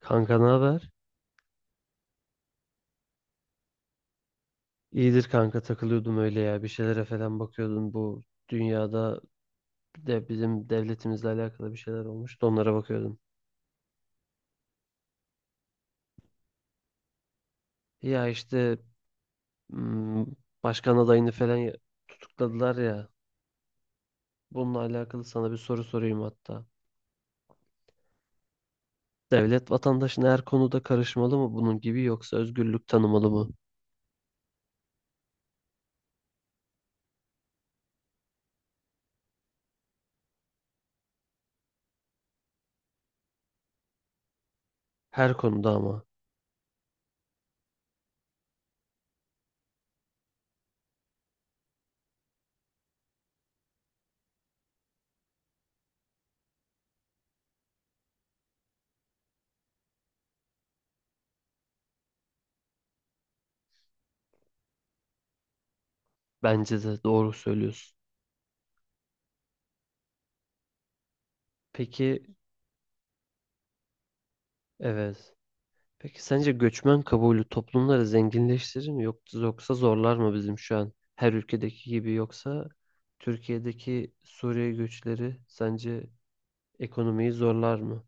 Kanka ne haber? İyidir kanka takılıyordum öyle ya. Bir şeylere falan bakıyordum. Bu dünyada de bizim devletimizle alakalı bir şeyler olmuş. Onlara bakıyordum. Ya işte hmm, başkan adayını falan tutukladılar ya. Bununla alakalı sana bir soru sorayım hatta. Devlet vatandaşın her konuda karışmalı mı bunun gibi yoksa özgürlük tanımalı mı? Her konuda ama. Bence de doğru söylüyorsun. Peki evet. Peki sence göçmen kabulü toplumları zenginleştirir mi yoksa zorlar mı bizim şu an her ülkedeki gibi yoksa Türkiye'deki Suriye göçleri sence ekonomiyi zorlar mı?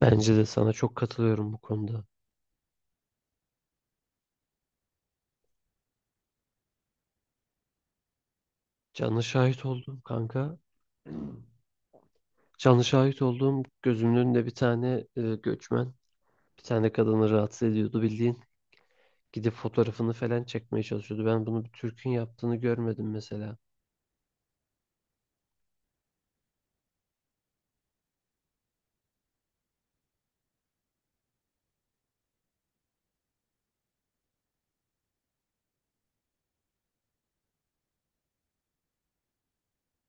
Bence de sana çok katılıyorum bu konuda. Canlı şahit oldum kanka. Canlı şahit olduğum gözümün önünde bir tane göçmen, bir tane kadını rahatsız ediyordu bildiğin. Gidip fotoğrafını falan çekmeye çalışıyordu. Ben bunu bir Türk'ün yaptığını görmedim mesela.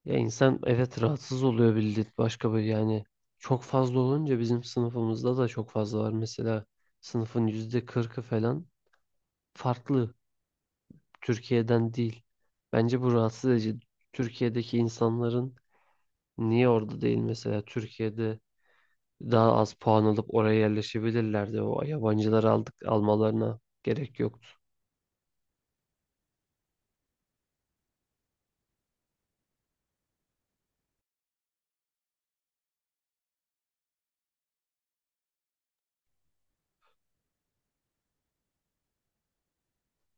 Ya insan evet rahatsız oluyor bildiğin başka bir yani çok fazla olunca bizim sınıfımızda da çok fazla var. Mesela sınıfın %40'ı falan farklı Türkiye'den değil. Bence bu rahatsız edici. Türkiye'deki insanların niye orada değil mesela Türkiye'de daha az puan alıp oraya yerleşebilirlerdi. O yabancıları aldık almalarına gerek yoktu.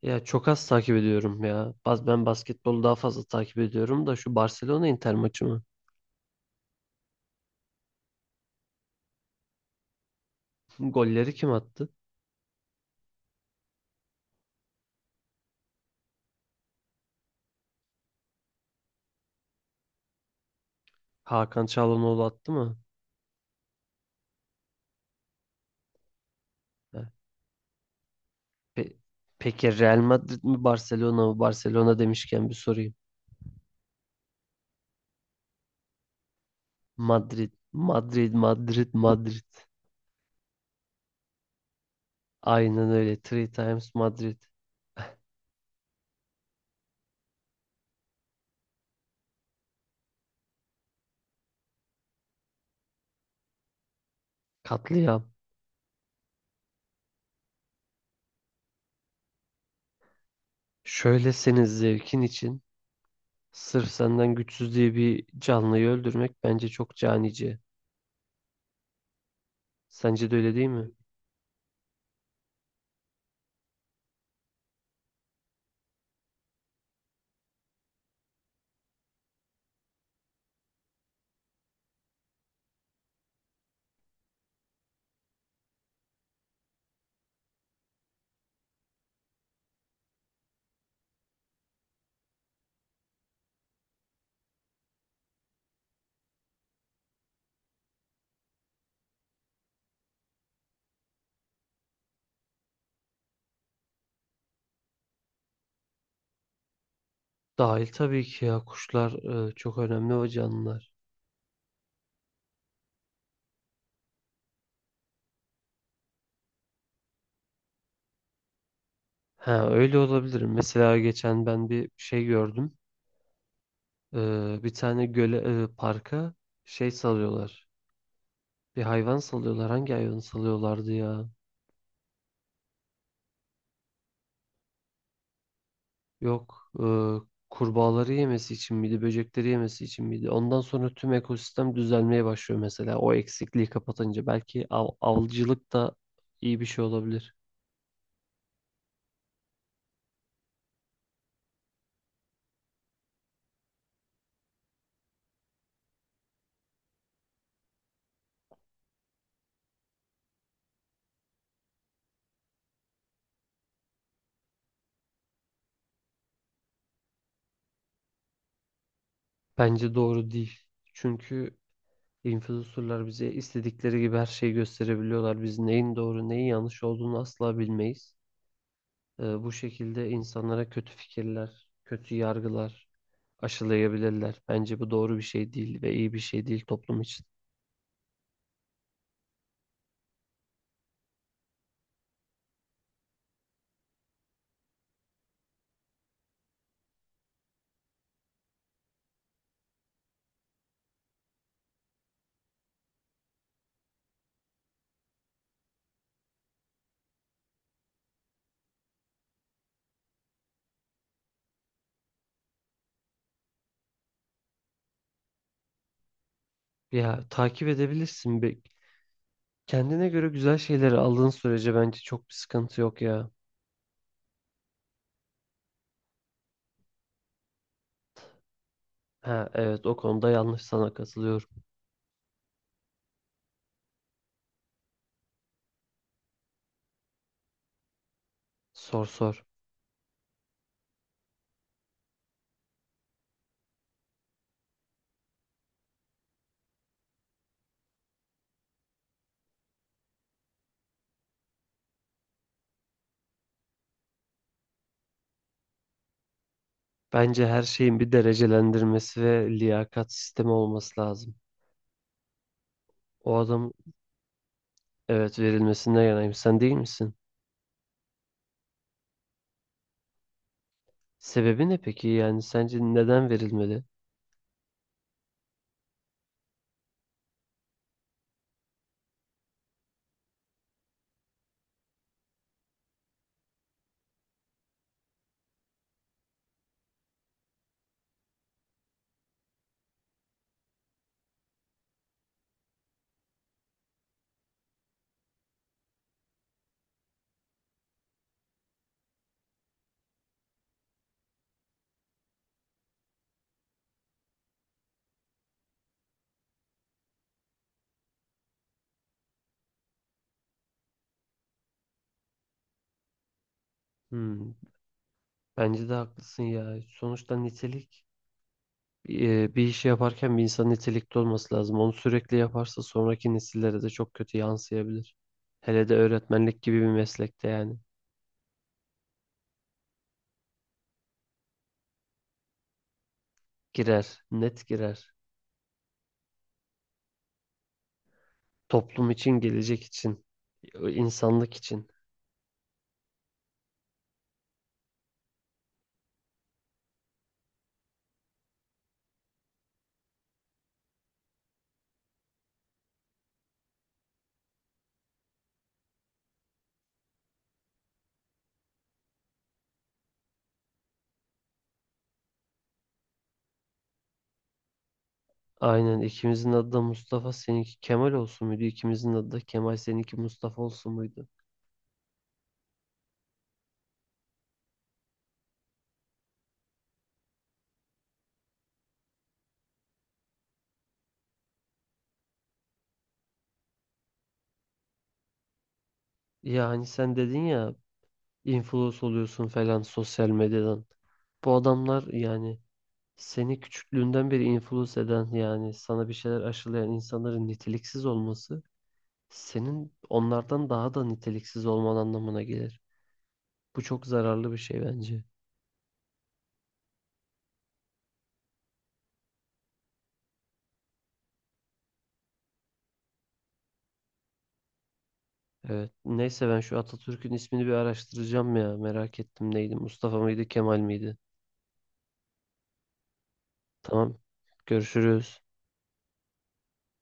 Ya çok az takip ediyorum ya. Ben basketbolu daha fazla takip ediyorum da şu Barcelona Inter maçı mı? Golleri kim attı? Hakan Çalhanoğlu attı mı? Ha, pe- peki Real Madrid mi Barcelona mı? Barcelona demişken bir sorayım. Madrid, Madrid, Madrid, Madrid. Aynen öyle. Three times Madrid. Katliam. Şöyle senin zevkin için sırf senden güçsüz diye bir canlıyı öldürmek bence çok canice. Sence de öyle değil mi? Dahil tabii ki ya kuşlar çok önemli o canlılar. Ha öyle olabilir. Mesela geçen ben bir şey gördüm. Bir tane göle, parka şey salıyorlar. Bir hayvan salıyorlar. Hangi hayvanı salıyorlardı ya? Yok. Kurbağaları yemesi için miydi? Böcekleri yemesi için miydi? Ondan sonra tüm ekosistem düzelmeye başlıyor mesela. O eksikliği kapatınca. Belki avcılık da iyi bir şey olabilir. Bence doğru değil. Çünkü influencerlar bize istedikleri gibi her şeyi gösterebiliyorlar. Biz neyin doğru neyin yanlış olduğunu asla bilmeyiz. Bu şekilde insanlara kötü fikirler, kötü yargılar aşılayabilirler. Bence bu doğru bir şey değil ve iyi bir şey değil toplum için. Ya takip edebilirsin. Be. Kendine göre güzel şeyleri aldığın sürece bence çok bir sıkıntı yok ya. Ha evet o konuda yanlış sana katılıyorum. Sor sor. Bence her şeyin bir derecelendirmesi ve liyakat sistemi olması lazım. O adam evet verilmesinden yanayım. Sen değil misin? Sebebi ne peki? Yani sence neden verilmeli? Hmm, bence de haklısın ya. Sonuçta nitelik bir işi yaparken bir insan nitelikli olması lazım. Onu sürekli yaparsa sonraki nesillere de çok kötü yansıyabilir. Hele de öğretmenlik gibi bir meslekte yani. Girer, net girer. Toplum için, gelecek için, insanlık için. Aynen ikimizin adı da Mustafa, seninki Kemal olsun muydu? İkimizin adı da Kemal, seninki Mustafa olsun muydu? Ya hani sen dedin ya influence oluyorsun falan sosyal medyadan. Bu adamlar yani seni küçüklüğünden beri influence eden yani sana bir şeyler aşılayan insanların niteliksiz olması senin onlardan daha da niteliksiz olman anlamına gelir. Bu çok zararlı bir şey bence. Evet. Neyse ben şu Atatürk'ün ismini bir araştıracağım ya. Merak ettim neydi? Mustafa mıydı, Kemal miydi? Tamam. Görüşürüz.